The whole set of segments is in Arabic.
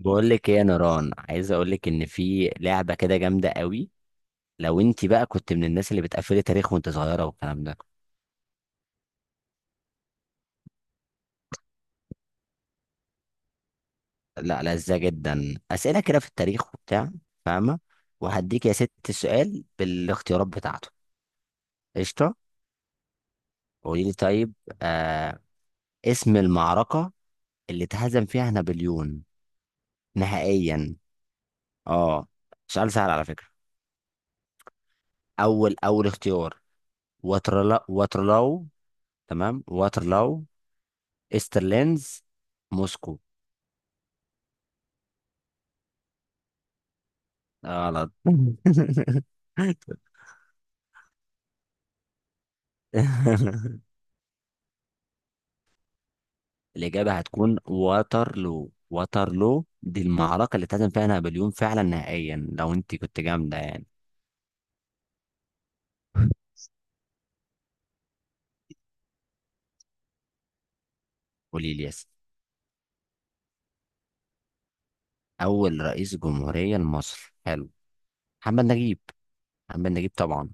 بقول لك ايه يا نوران؟ عايز اقول لك ان في لعبه كده جامده قوي. لو انت بقى كنت من الناس اللي بتقفلي تاريخ وانت صغيره والكلام ده. لا، لذة جدا اسئله كده في التاريخ وبتاع، فاهمه؟ وهديك يا ست السؤال بالاختيارات بتاعته. قشطه. قولي لي طيب. آه، اسم المعركه اللي اتهزم فيها نابليون نهائيا. اه، سؤال سهل على فكره. اول اختيار، واترلاو. تمام، واترلاو. استرلينز. موسكو. غلط. الإجابة هتكون واترلو. واترلو دي المعركة اللي اتهزم فيها نابليون فعلا نهائيا، لو أنت كنت جامدة يعني. قولي لي يس. أول رئيس جمهورية لمصر، حلو. محمد نجيب. محمد نجيب طبعا.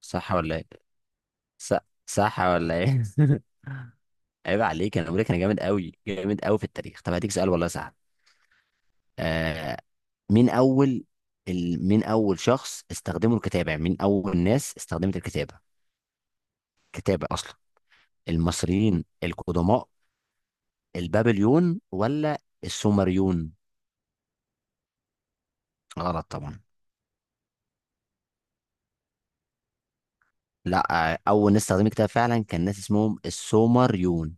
صح ولا إيه؟ ص- صح ولا إيه؟ عيب عليك، أنا بقول لك أنا جامد أوي، جامد أوي في التاريخ. طب هديك سؤال والله سهل. آه، مين أول، شخص استخدموا الكتابة، يعني مين أول ناس استخدمت الكتابة، كتابة أصلا؟ المصريين القدماء، البابليون ولا السومريون؟ غلط طبعا. لا آه، أول ناس استخدمت كتاب فعلا كان ناس اسمهم السومريون.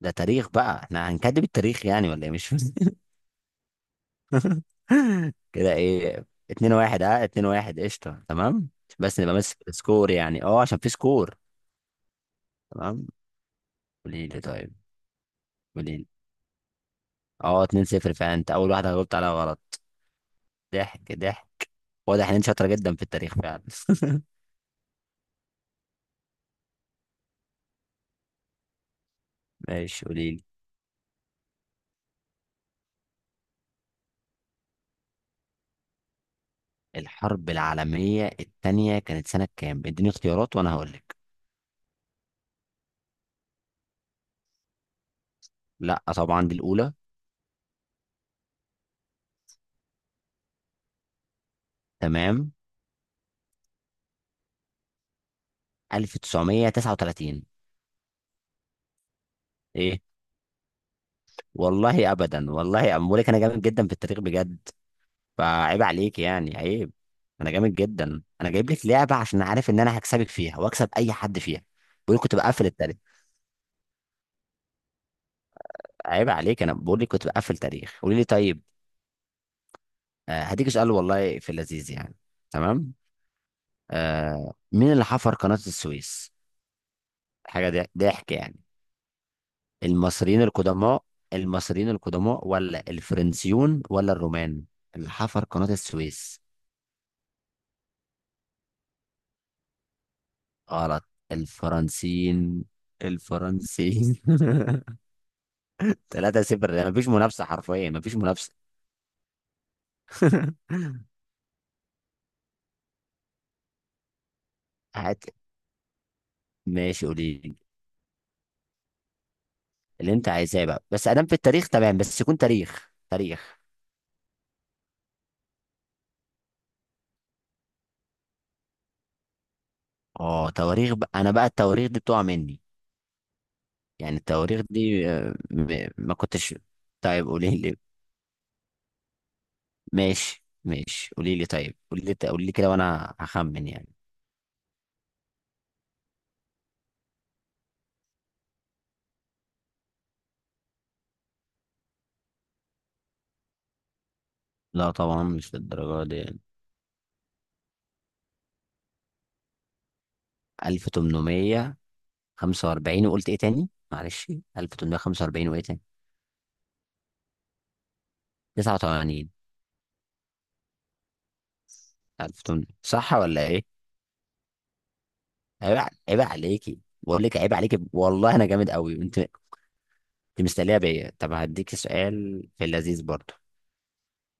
ده تاريخ بقى، احنا هنكذب التاريخ يعني ولا ايه؟ مش فاهم. كده ايه. 2-1، اه، 2-1، قشطة، تمام. بس نبقى ماسك السكور يعني، اه، عشان في سكور. تمام. قولي لي طيب. قولي لي. اه 2-0 فعلا. انت أول واحدة جاوبت عليها غلط. ضحك ضحك. واضح ان انت شاطرة جدا في التاريخ فعلا. ماشي، قولي لي. الحرب العالمية التانية كانت سنة كام؟ اديني اختيارات وانا هقول لك. لا طبعا، دي الاولى. تمام. 1939. ايه؟ والله ابدا، والله بقول لك انا جامد جدا في التاريخ بجد. فعيب عليك، يعني عيب. انا جامد جدا. انا جايب لك لعبة عشان عارف ان انا هكسبك فيها واكسب اي حد فيها. بقول لك كنت بقفل التاريخ. عيب عليك، انا بقول لك كنت بقفل تاريخ. قولي لي طيب. آه، هديك سؤال والله في اللذيذ يعني. تمام. آه، مين اللي حفر قناة السويس؟ حاجة ضحك يعني. المصريين القدماء، المصريين القدماء ولا الفرنسيون ولا الرومان، اللي حفر قناة السويس؟ غلط. الفرنسيين. الفرنسيين. 3-0، يعني مفيش منافسة، حرفيا مفيش منافسة. هات. ماشي، قولي لي. اللي انت عايزاه بقى، بس ادام في التاريخ. تمام، بس يكون تاريخ تاريخ. اه، تواريخ بقى. انا بقى التواريخ دي بتقع مني. يعني التواريخ دي، ما كنتش. طيب قولي لي. ماشي ماشي، قولي لي طيب، قولي لي قولي لي كده وانا هخمن يعني. لا طبعا، مش للدرجه دي. 1845. وقلت ايه تاني؟ معلش، 1845 وايه تاني؟ 89؟ 1800، صح ولا ايه؟ عيب عيب عليكي. بقول لك عيب عليكي والله. انا جامد قوي، انت انت مستنيه بيا. طب هديك سؤال في اللذيذ برضه.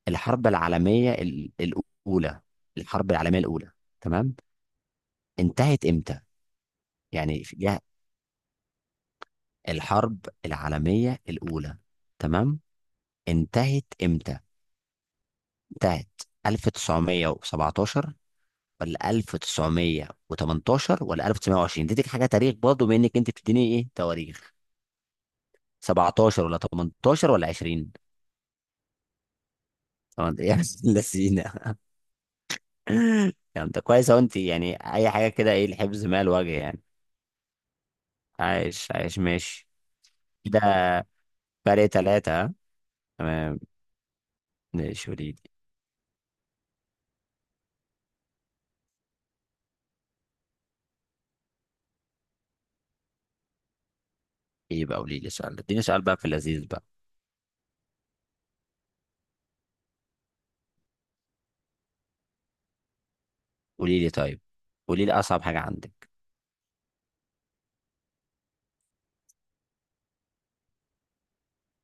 الحرب العالميه الاولى. الحرب العالميه الاولى. تمام. انتهت امتى؟ يعني الحرب العالمية الأولى، تمام، انتهت إمتى؟ انتهت 1917 ولا 1918 ولا 1920؟ اديتك حاجة تاريخ برضه بما إنك أنت بتديني إيه تواريخ. 17 ولا 18 ولا 20؟ طبعا. يا ابن اللذينة. يعني أنت كويس أهو. أنت يعني أي حاجة كده، إيه الحفظ ما الوجه يعني. عايش، عايش، ماشي كده. فرق تلاتة، ها؟ تمام. ماشي، قولي لي. إيه بقى؟ قولي لي سؤال، اديني سؤال بقى في اللذيذ بقى. قولي لي طيب، قولي لي اصعب حاجه عندك.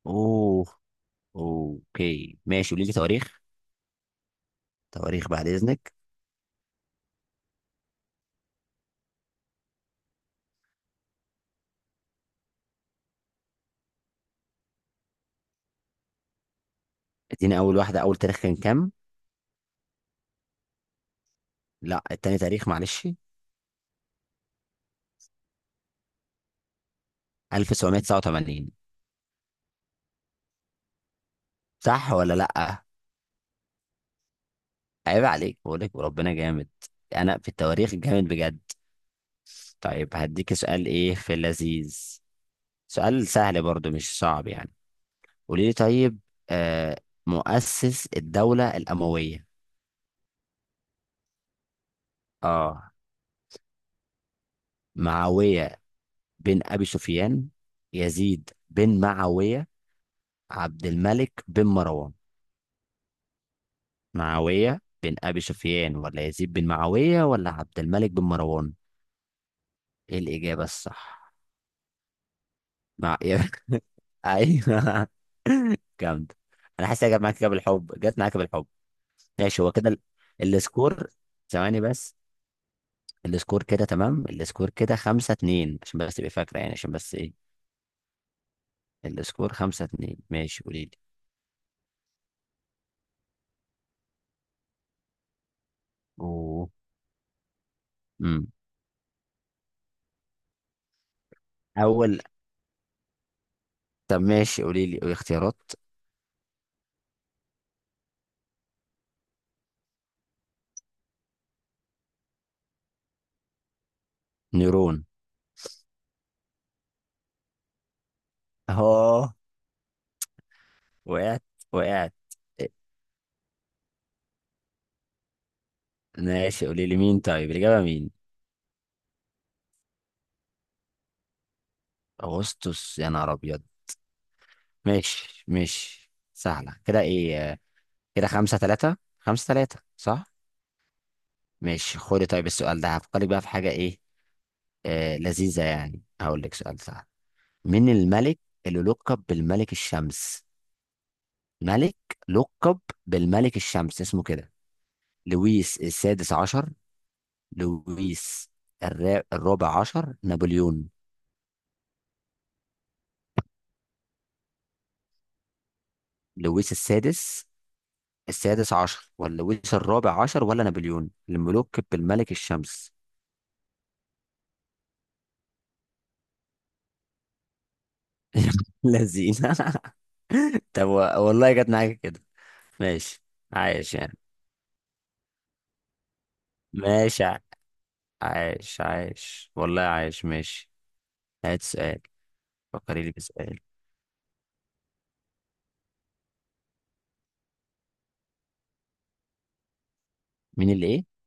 اوه، اوكي، ماشي، قولي لي تواريخ. تواريخ بعد اذنك. اديني اول واحده، اول تاريخ كان كام؟ لا، التاني تاريخ معلش. 1989. صح ولا لا؟ عيب عليك، بقول لك وربنا جامد. انا في التواريخ جامد بجد. طيب هديك سؤال ايه في اللذيذ. سؤال سهل برضو، مش صعب يعني. قولي لي طيب. آه، مؤسس الدوله الامويه. اه، معاويه بن أبي سفيان، يزيد بن معاوية، عبد الملك بن مروان. معاوية بن أبي سفيان ولا يزيد بن معاوية ولا عبد الملك بن مروان؟ إيه الإجابة الصح؟ مع... أيوه، جامد. أنا حاسس إنها جت معاك كده بالحب، جت معاك بالحب. ماشي، هو كده. السكور، ثواني بس. السكور كده تمام. السكور كده 5-2، عشان بس تبقى فاكرة يعني، عشان بس إيه. السكور 5-2. ماشي، قولي لي. أوه. أمم. أول. طب ماشي، قولي لي اختيارات. نيرون. اه، وقعت، وقعت. ماشي، قولي لي مين طيب الإجابة؟ مين؟ أغسطس يا نهار أبيض. ماشي ماشي، سهلة كده إيه. كده 5-3. 5-3 صح. ماشي، خدي. طيب السؤال ده هفكرك بقى في حاجة إيه. آه، لذيذة يعني. هقول لك سؤال سهل. مين الملك اللي لقب بالملك الشمس؟ ملك لقب بالملك الشمس، اسمه كده. لويس السادس عشر، لويس الرابع عشر، نابليون. لويس السادس عشر ولا لويس الرابع عشر ولا نابليون الملوك بالملك الشمس؟ لذينه. طب والله جت معاك كده. ماشي. عايش يعني. ماشي عايش، عايش والله، عايش ماشي. هات سؤال، فكري لي بسؤال. مين اللي ايه؟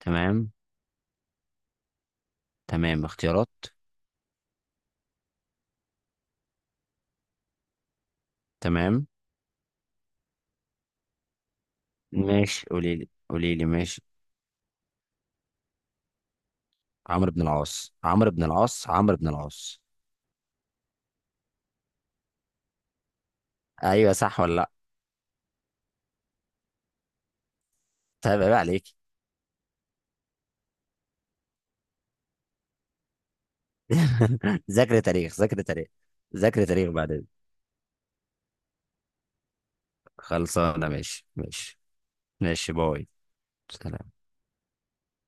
تمام. تمام اختيارات. تمام. ماشي قولي لي قولي لي ماشي. عمرو بن العاص، عمرو بن العاص، عمرو بن العاص. ايوه، صح ولا لا؟ طيب عيب عليك. ذاكر تاريخ، ذاكر تاريخ. ذاكر تاريخ بعدين. خلصانه، ماشي ماشي. ماشي، باي، سلام.